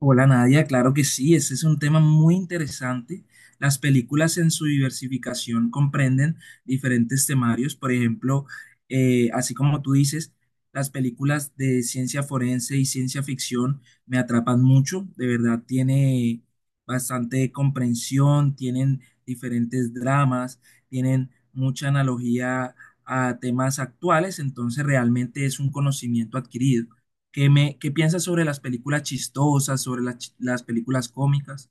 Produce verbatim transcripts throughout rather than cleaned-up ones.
Hola Nadia, claro que sí, ese es un tema muy interesante. Las películas en su diversificación comprenden diferentes temarios, por ejemplo, eh, así como tú dices, las películas de ciencia forense y ciencia ficción me atrapan mucho, de verdad tiene bastante comprensión, tienen diferentes dramas, tienen mucha analogía a temas actuales, entonces realmente es un conocimiento adquirido. ¿Qué me, qué piensas sobre las películas chistosas, sobre las, chi- las películas cómicas?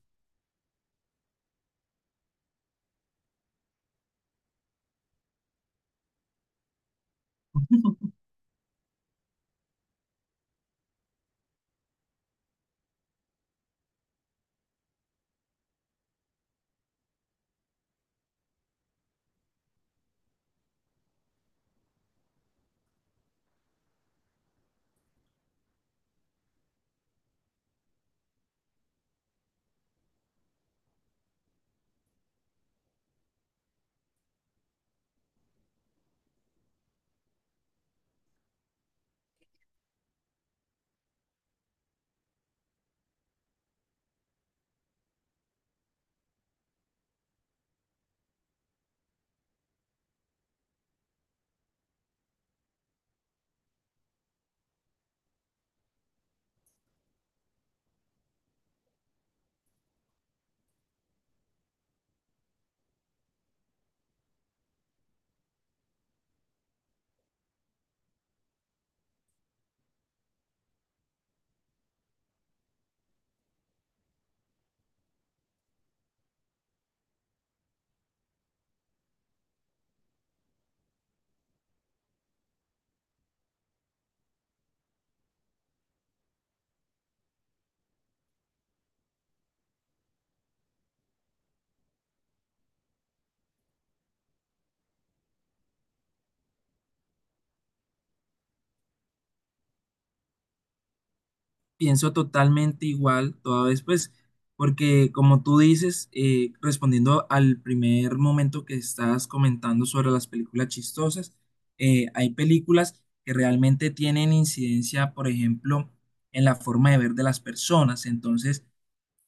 Pienso totalmente igual, toda vez pues, porque como tú dices, eh, respondiendo al primer momento que estás comentando sobre las películas chistosas, eh, hay películas que realmente tienen incidencia, por ejemplo, en la forma de ver de las personas. Entonces,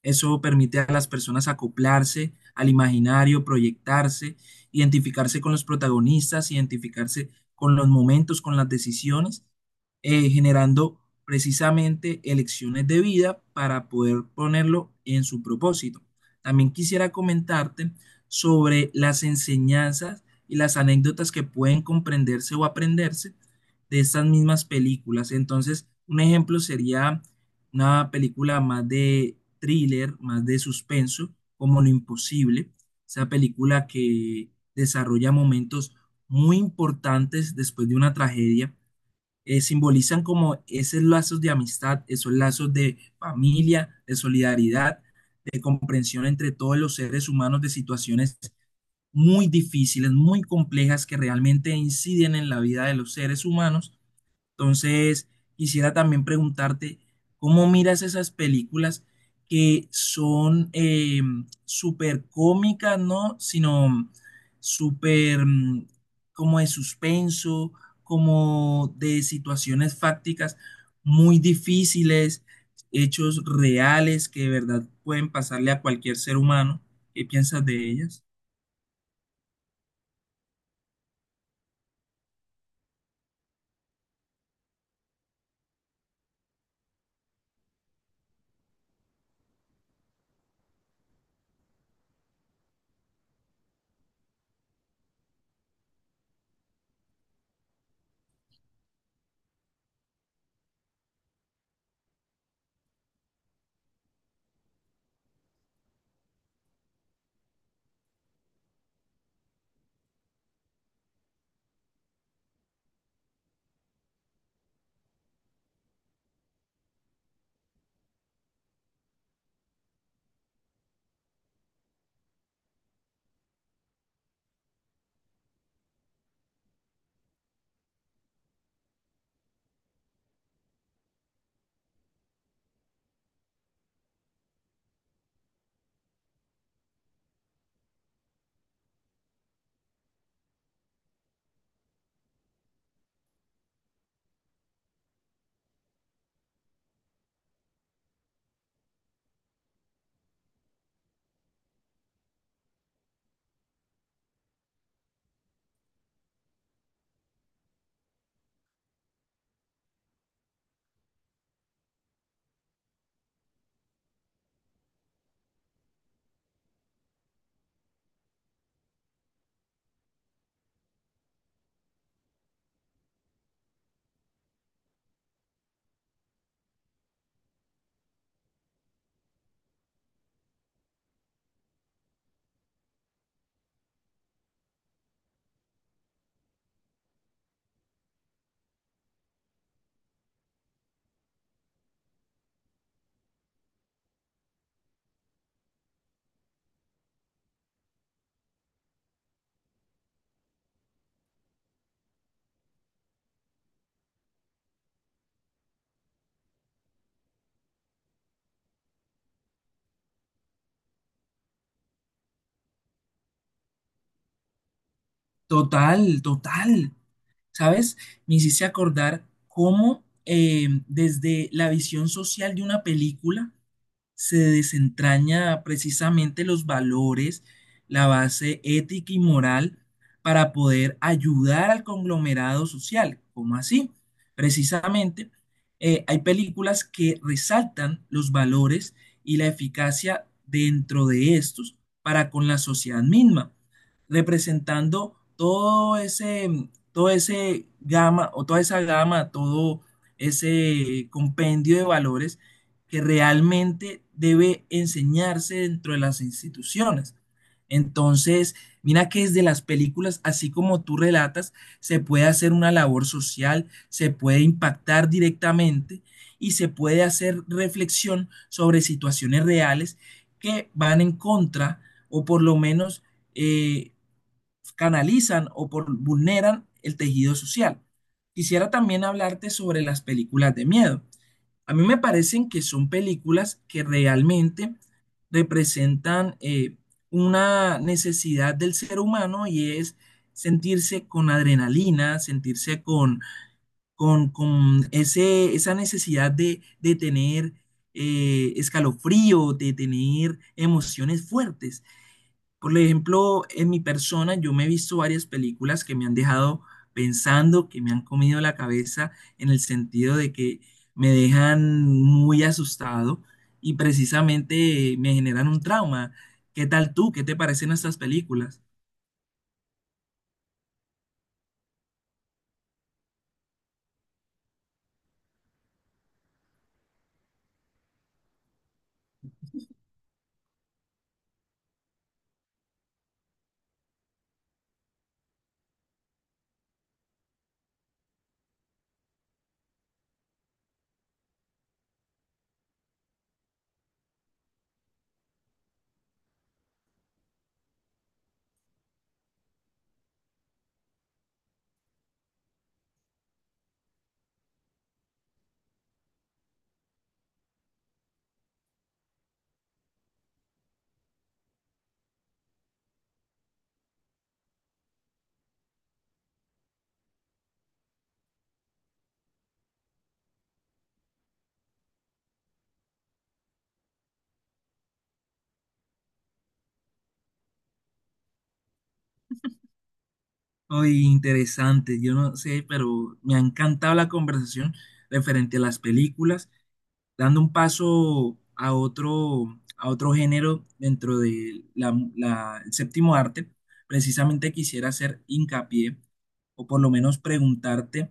eso permite a las personas acoplarse al imaginario, proyectarse, identificarse con los protagonistas, identificarse con los momentos, con las decisiones, eh, generando precisamente elecciones de vida para poder ponerlo en su propósito. También quisiera comentarte sobre las enseñanzas y las anécdotas que pueden comprenderse o aprenderse de estas mismas películas. Entonces, un ejemplo sería una película más de thriller, más de suspenso, como Lo Imposible, esa película que desarrolla momentos muy importantes después de una tragedia, eh, simbolizan como esos lazos de amistad, esos lazos de familia, de solidaridad, de comprensión entre todos los seres humanos de situaciones muy difíciles, muy complejas que realmente inciden en la vida de los seres humanos. Entonces, quisiera también preguntarte, ¿cómo miras esas películas que son eh, súper cómicas? ¿No? Sino súper mm, como de suspenso, como de situaciones fácticas muy difíciles, hechos reales que de verdad pueden pasarle a cualquier ser humano. ¿Qué piensas de ellas? Total, total. ¿Sabes? Me hiciste acordar cómo, eh, desde la visión social de una película, se desentraña precisamente los valores, la base ética y moral para poder ayudar al conglomerado social. ¿Cómo así? Precisamente, eh, hay películas que resaltan los valores y la eficacia dentro de estos para con la sociedad misma, representando todo ese, todo ese gama o toda esa gama, todo ese compendio de valores que realmente debe enseñarse dentro de las instituciones. Entonces, mira que desde las películas, así como tú relatas, se puede hacer una labor social, se puede impactar directamente y se puede hacer reflexión sobre situaciones reales que van en contra o por lo menos eh, canalizan o por, vulneran el tejido social. Quisiera también hablarte sobre las películas de miedo. A mí me parecen que son películas que realmente representan eh, una necesidad del ser humano y es sentirse con adrenalina, sentirse con, con, con ese, esa necesidad de, de tener eh, escalofrío, de tener emociones fuertes. Por ejemplo, en mi persona, yo me he visto varias películas que me han dejado pensando, que me han comido la cabeza en el sentido de que me dejan muy asustado y precisamente me generan un trauma. ¿Qué tal tú? ¿Qué te parecen estas películas? Muy interesante, yo no sé, pero me ha encantado la conversación referente a las películas, dando un paso a otro, a otro género dentro de la, la- el séptimo arte. Precisamente quisiera hacer hincapié o por lo menos preguntarte,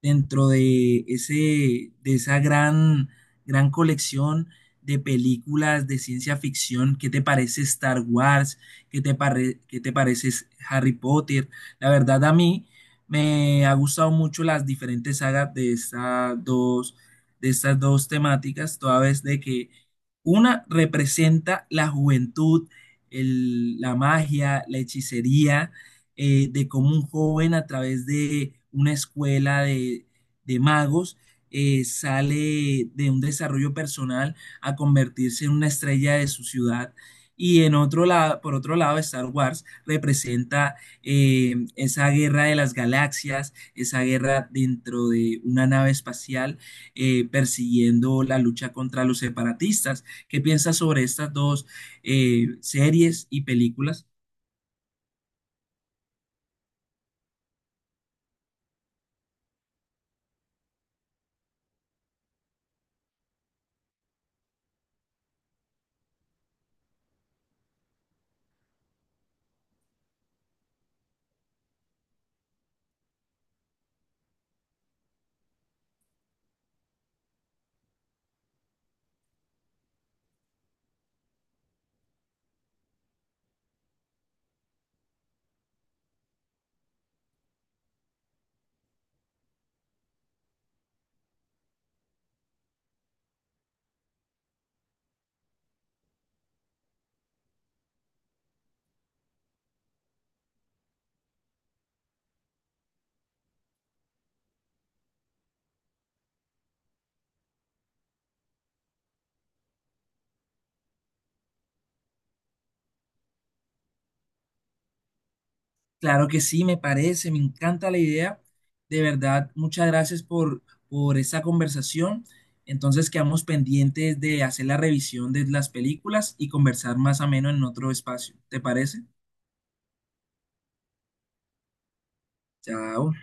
dentro de ese, de esa gran, gran colección de películas de ciencia ficción, ¿qué te parece Star Wars? ¿Qué te pare- ¿qué te parece Harry Potter? La verdad, a mí me ha gustado mucho las diferentes sagas de estas dos de estas dos temáticas, toda vez de que una representa la juventud, el- la magia, la hechicería, eh, de cómo un joven, a través de una escuela de, de magos, eh, sale de un desarrollo personal a convertirse en una estrella de su ciudad. Y en otro lado, por otro lado, Star Wars representa, eh, esa guerra de las galaxias, esa guerra dentro de una nave espacial, eh, persiguiendo la lucha contra los separatistas. ¿Qué piensas sobre estas dos eh, series y películas? Claro que sí, me parece, me encanta la idea. De verdad, muchas gracias por, por esta conversación. Entonces quedamos pendientes de hacer la revisión de las películas y conversar más ameno en otro espacio. ¿Te parece? Chao.